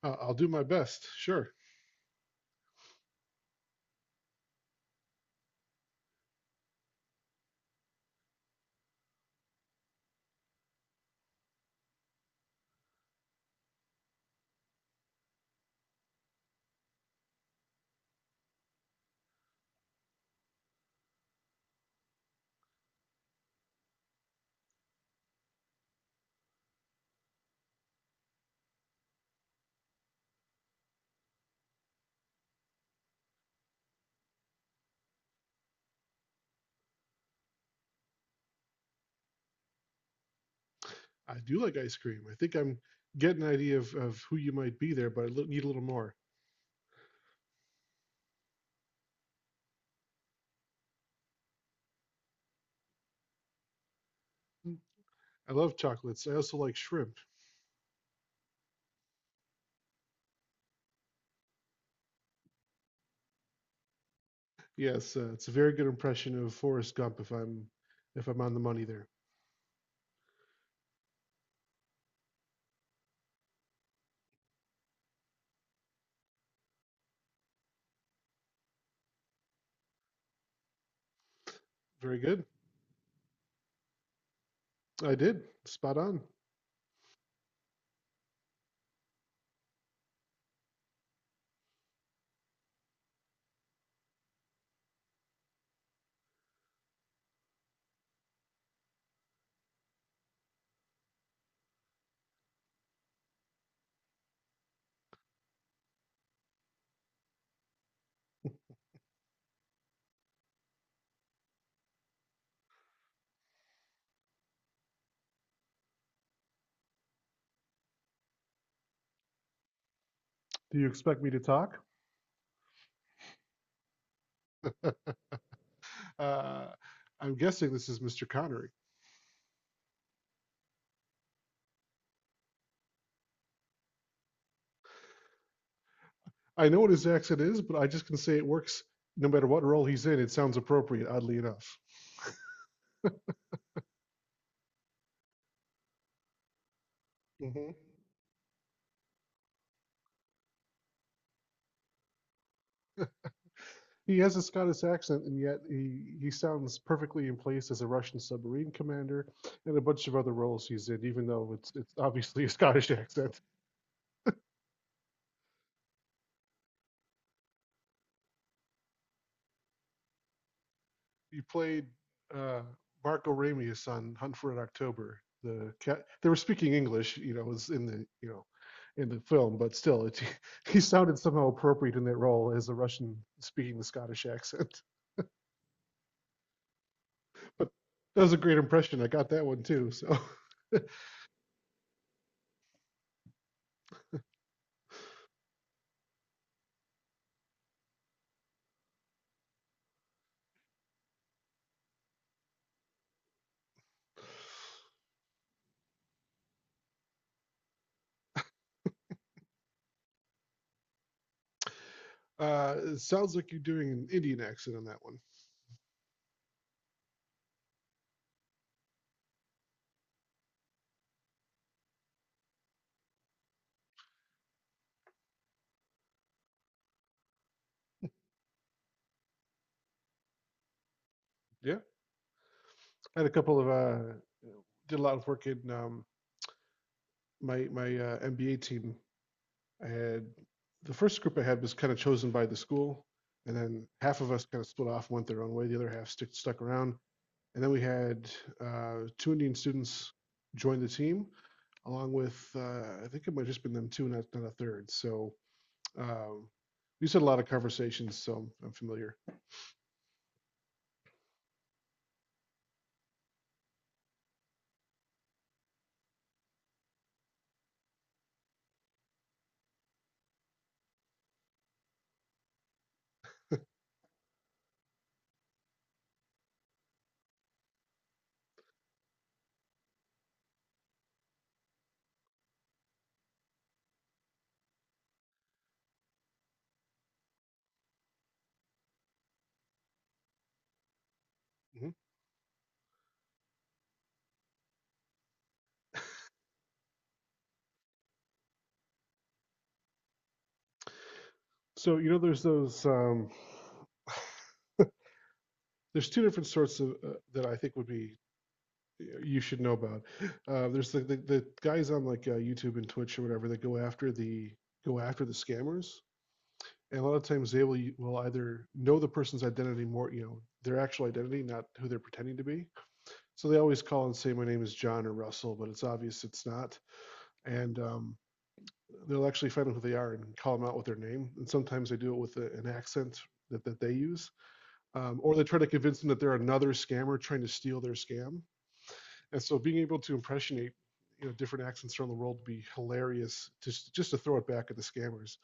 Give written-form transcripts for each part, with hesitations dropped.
I'll do my best. Sure. I do like ice cream. I think I'm getting an idea of who you might be there, but need a little more. Mm. I love chocolates. I also like shrimp. Yes, it's a very good impression of Forrest Gump if I'm on the money there. Very good. I did. Spot on. Do you expect me to talk? Uh, I'm guessing this is Mr. Connery. I know what his accent is, but I just can say it works no matter what role he's in. It sounds appropriate, oddly enough. Mhm. He has a Scottish accent, and yet he sounds perfectly in place as a Russian submarine commander and a bunch of other roles he's in, even though it's obviously a Scottish accent. He played uh, Marco Ramius on Hunt for Red October. The cat, they were speaking English, was in the you know in the film, but still, he sounded somehow appropriate in that role as a Russian speaking the Scottish accent. But that was a great impression. I got that one too. So. It sounds like you're doing an Indian accent on that one. Yeah, I had a couple of did a lot of work in my MBA team. I had the first group I had was kind of chosen by the school, and then half of us kind of split off, went their own way. The other half stuck around, and then we had two Indian students join the team, along with I think it might have just been them two, not a third. So um, we just had a lot of conversations, so I'm familiar. Mm-hmm. So, there's those there's two different sorts of that I think would be you should know about. There's the guys on like YouTube and Twitch or whatever that go after the scammers, and a lot of times they will either know the person's identity more, their actual identity, not who they're pretending to be. So they always call and say, "My name is John or Russell," but it's obvious it's not, and they'll actually find out who they are and call them out with their name. And sometimes they do it with an accent that they use, or they try to convince them that they're another scammer trying to steal their scam, and so being able to impressionate different accents around the world would be hilarious, to, just to throw it back at the scammers.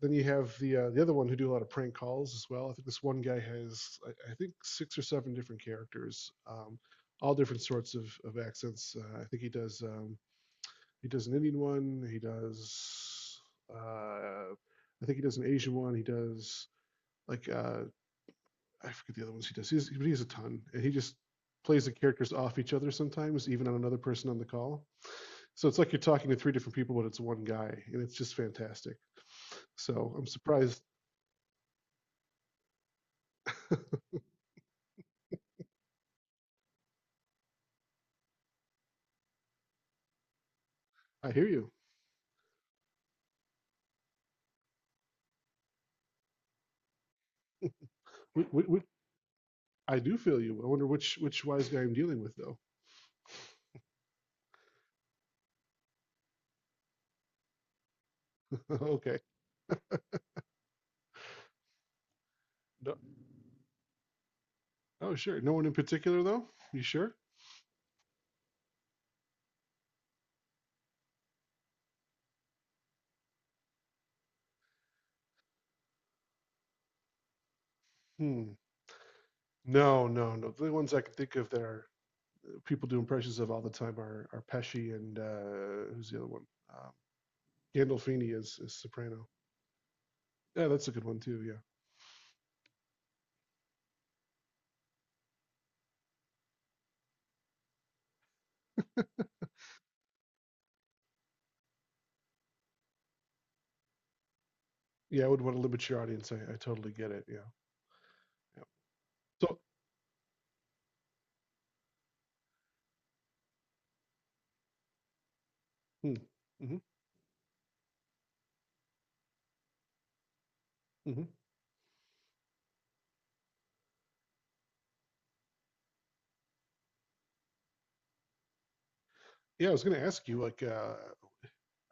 Then you have the other one who do a lot of prank calls as well. I think this one guy has, I think, six or seven different characters, all different sorts of accents. I think he does an Indian one. He does uh, I think he does an Asian one. He does like I forget the other ones he does. But he has a ton, and he just plays the characters off each other sometimes, even on another person on the call. So it's like you're talking to three different people, but it's one guy, and it's just fantastic. So I'm surprised. I hear you. Wh- wh- wh- I do feel you. I wonder which wise guy I'm dealing with, though. Okay. No, oh, sure. No one in particular, though. You sure? Hmm. No, no, no. The ones I can think of that are people do impressions of all the time are Pesci and, who's the other one? Um, Gandolfini is Soprano. Yeah, that's a good one too. Yeah, yeah, I would want to limit your audience. I totally get it. Yeah, yeah. So, hmm, hmm hmm yeah, I was going to ask you. Like,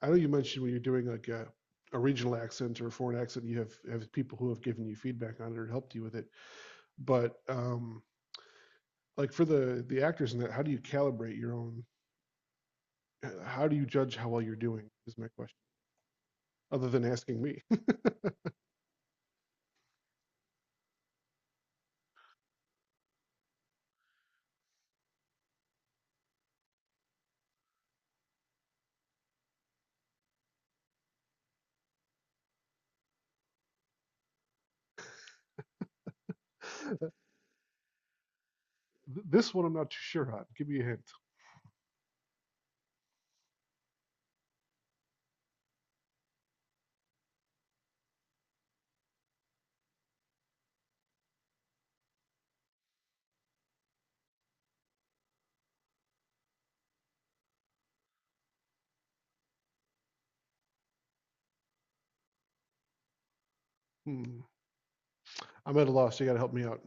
I know you mentioned when you're doing like a regional accent or a foreign accent, you have people who have given you feedback on it or helped you with it. But like for the actors in that, how do you calibrate your own? How do you judge how well you're doing? Is my question. Other than asking me. This one I'm not too sure on. Give me a hint. Hmm. I'm at a loss. You got to help me out.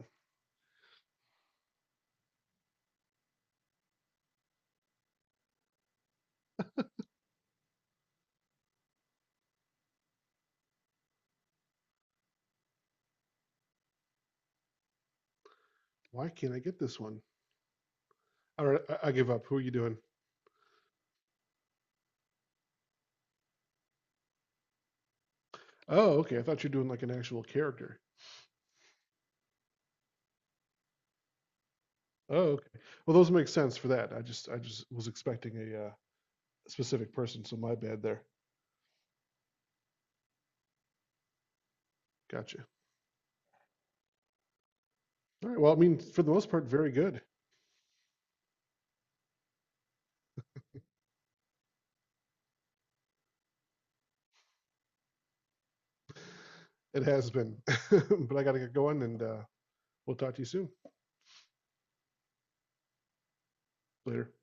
Why can't I get this one? All right, I give up. Who are you doing? Oh, okay. I thought you were doing like an actual character. Oh, okay. Well, those make sense for that. I just was expecting a specific person, so my bad there. Gotcha. All right. Well, I mean, for the most part, very good. It has been. But I got to get going, and we'll talk to you soon. Later.